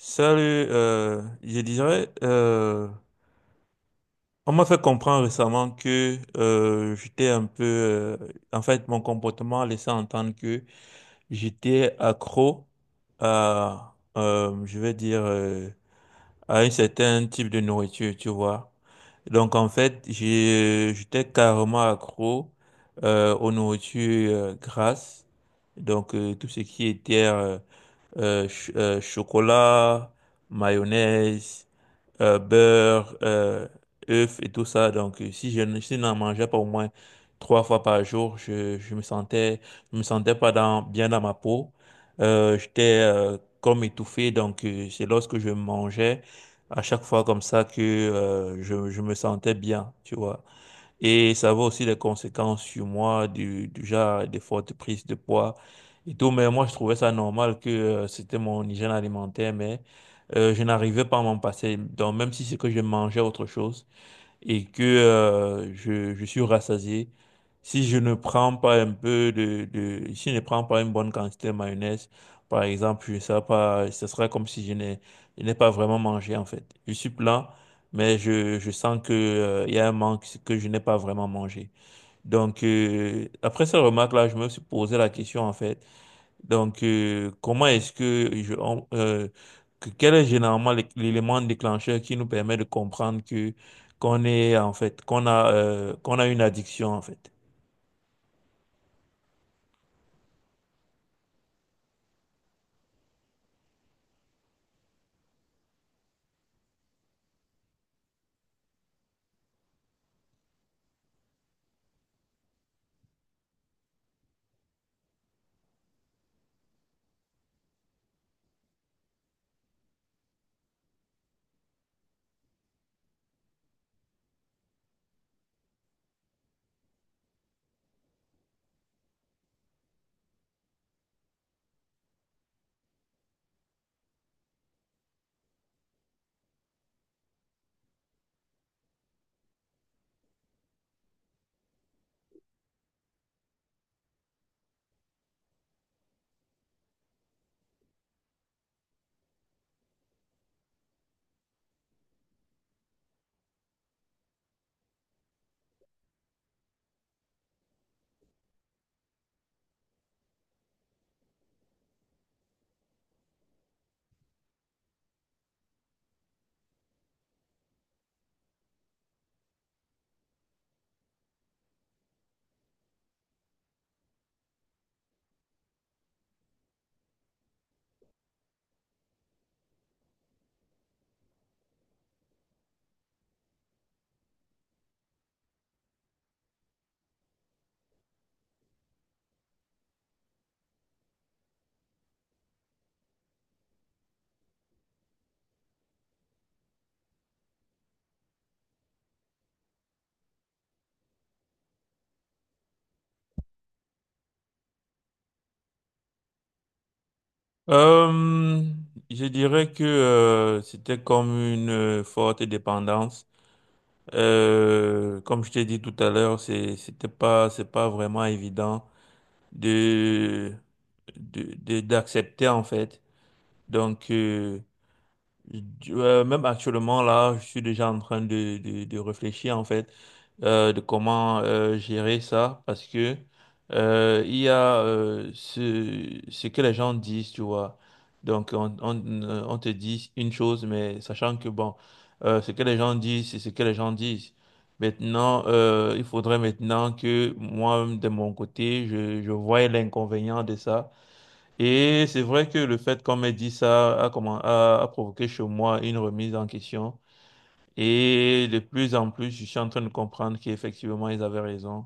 Salut. Je dirais, on m'a fait comprendre récemment que j'étais un peu, en fait, mon comportement laissait entendre que j'étais accro à, je vais dire, à un certain type de nourriture, tu vois. Donc, en fait, j'étais carrément accro aux nourritures grasses. Donc, tout ce qui était chocolat, mayonnaise, beurre, œufs et tout ça. Donc, si je, ne- si je n'en mangeais pas au moins 3 fois par jour, je me sentais pas dans, bien dans ma peau. J'étais comme étouffé. Donc, c'est lorsque je mangeais à chaque fois comme ça que je me sentais bien, tu vois. Et ça avait aussi des conséquences sur moi, du genre des fortes prises de poids et tout. Mais moi, je trouvais ça normal que c'était mon hygiène alimentaire, mais je n'arrivais pas à m'en passer. Donc, même si c'est que je mangeais autre chose, et que je suis rassasié, si je ne prends pas un peu si je ne prends pas une bonne quantité de mayonnaise, par exemple, je sais pas, ce sera comme si je n'ai pas vraiment mangé en fait. Je suis plein, mais je sens que il y a un manque que je n'ai pas vraiment mangé. Donc après cette remarque-là, je me suis posé la question en fait. Donc, comment est-ce que je, on- que- quel est généralement l'élément déclencheur qui nous permet de comprendre que qu'on est en fait qu'on a une addiction en fait? Euh, je dirais que c'était comme une forte dépendance. Comme je t'ai dit tout à l'heure, c'est pas vraiment évident de d'accepter en fait. Donc, même actuellement, là, je suis déjà en train de réfléchir, en fait, de comment gérer ça, parce que il y a ce que les gens disent, tu vois. Donc, on te dit une chose, mais sachant que, bon, ce que les gens disent, c'est ce que les gens disent. Maintenant, il faudrait maintenant que moi, de mon côté, je voie l'inconvénient de ça. Et c'est vrai que le fait qu'on m'ait dit ça a, a provoqué chez moi une remise en question. Et de plus en plus, je suis en train de comprendre qu'effectivement, ils avaient raison.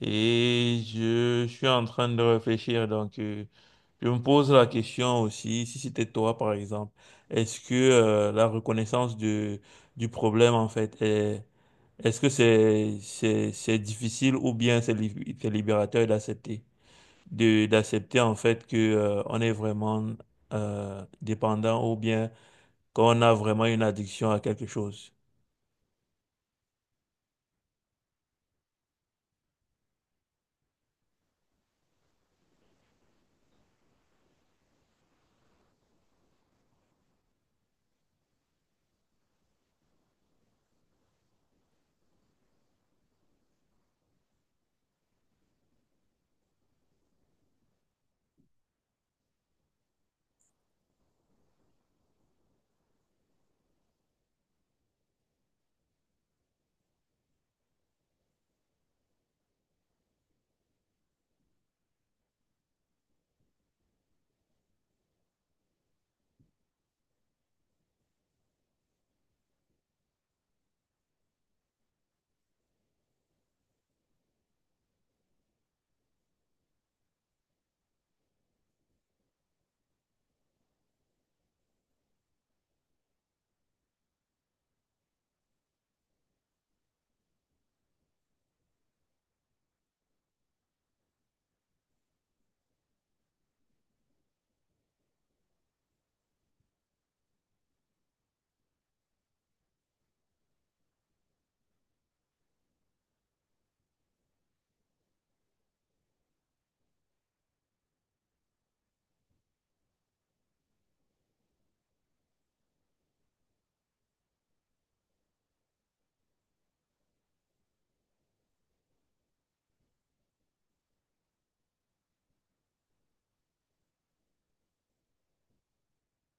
Et je suis en train de réfléchir. Donc, je me pose la question aussi, si c'était toi, par exemple, est-ce que la reconnaissance du problème, en fait, est-ce que c'est difficile ou bien c'est libérateur d'accepter? De D'accepter en fait que on est vraiment dépendant ou bien qu'on a vraiment une addiction à quelque chose.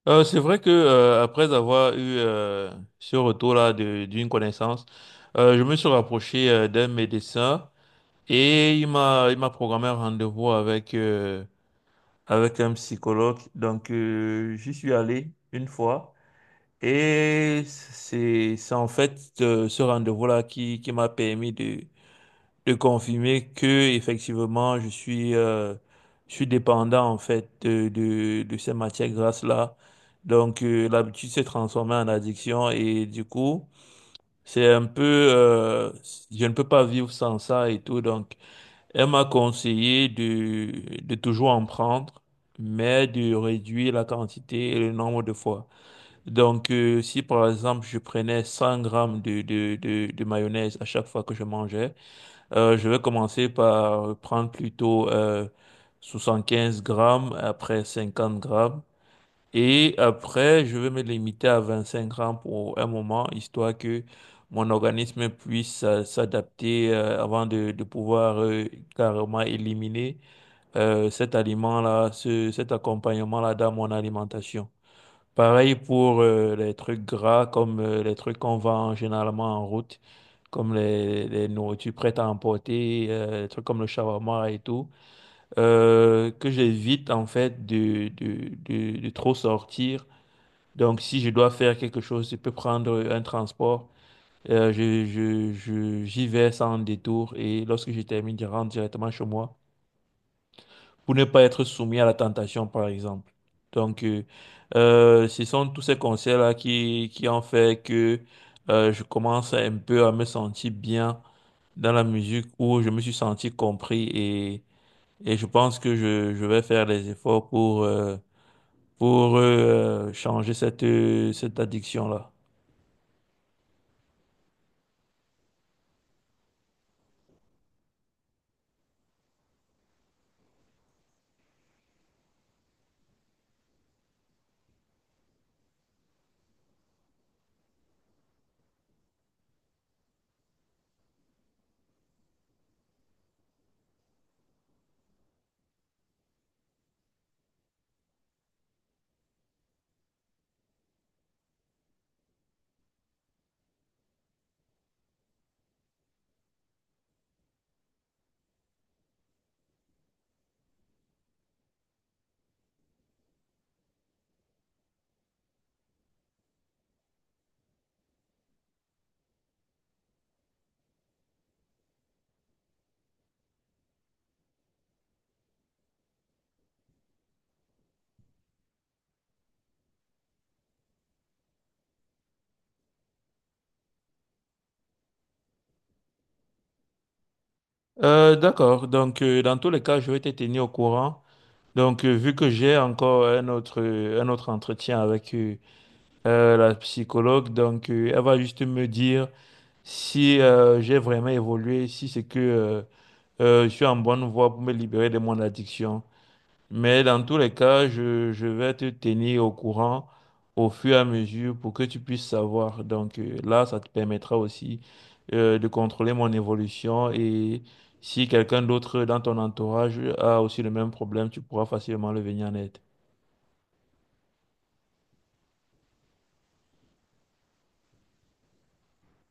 C'est vrai que après avoir eu ce retour-là d'une connaissance, je me suis rapproché d'un médecin et il m'a programmé un rendez-vous avec avec un psychologue. Donc j'y suis allé une fois et c'est en fait ce rendez-vous-là qui m'a permis de confirmer que effectivement je suis dépendant en fait de ces matières grasses là. Donc l'habitude s'est transformée en addiction et du coup c'est un peu je ne peux pas vivre sans ça et tout. Donc elle m'a conseillé de toujours en prendre mais de réduire la quantité et le nombre de fois. Donc, si par exemple je prenais 100 grammes de mayonnaise à chaque fois que je mangeais, je vais commencer par prendre plutôt 75 grammes, après 50 grammes. Et après, je vais me limiter à 25 grammes pour un moment, histoire que mon organisme puisse s'adapter avant de pouvoir carrément éliminer cet aliment-là, cet accompagnement-là dans mon alimentation. Pareil pour les trucs gras comme les trucs qu'on vend généralement en route comme les nourritures prêtes à emporter, des trucs comme le shawarma et tout, que j'évite en fait de trop sortir. Donc si je dois faire quelque chose, je peux prendre un transport. J'y vais sans détour et lorsque je termine, je rentre directement chez moi pour ne pas être soumis à la tentation, par exemple. Donc, ce sont tous ces conseils-là qui ont fait que je commence un peu à me sentir bien dans la musique où je me suis senti compris et je pense que je vais faire les efforts pour, changer cette, cette addiction-là. D'accord, donc dans tous les cas, je vais te tenir au courant. Donc vu que j'ai encore un autre entretien avec la psychologue, donc elle va juste me dire si j'ai vraiment évolué, si c'est que je suis en bonne voie pour me libérer de mon addiction. Mais dans tous les cas, je vais te tenir au courant au fur et à mesure pour que tu puisses savoir. Donc là, ça te permettra aussi de contrôler mon évolution et si quelqu'un d'autre dans ton entourage a aussi le même problème, tu pourras facilement le venir en aide.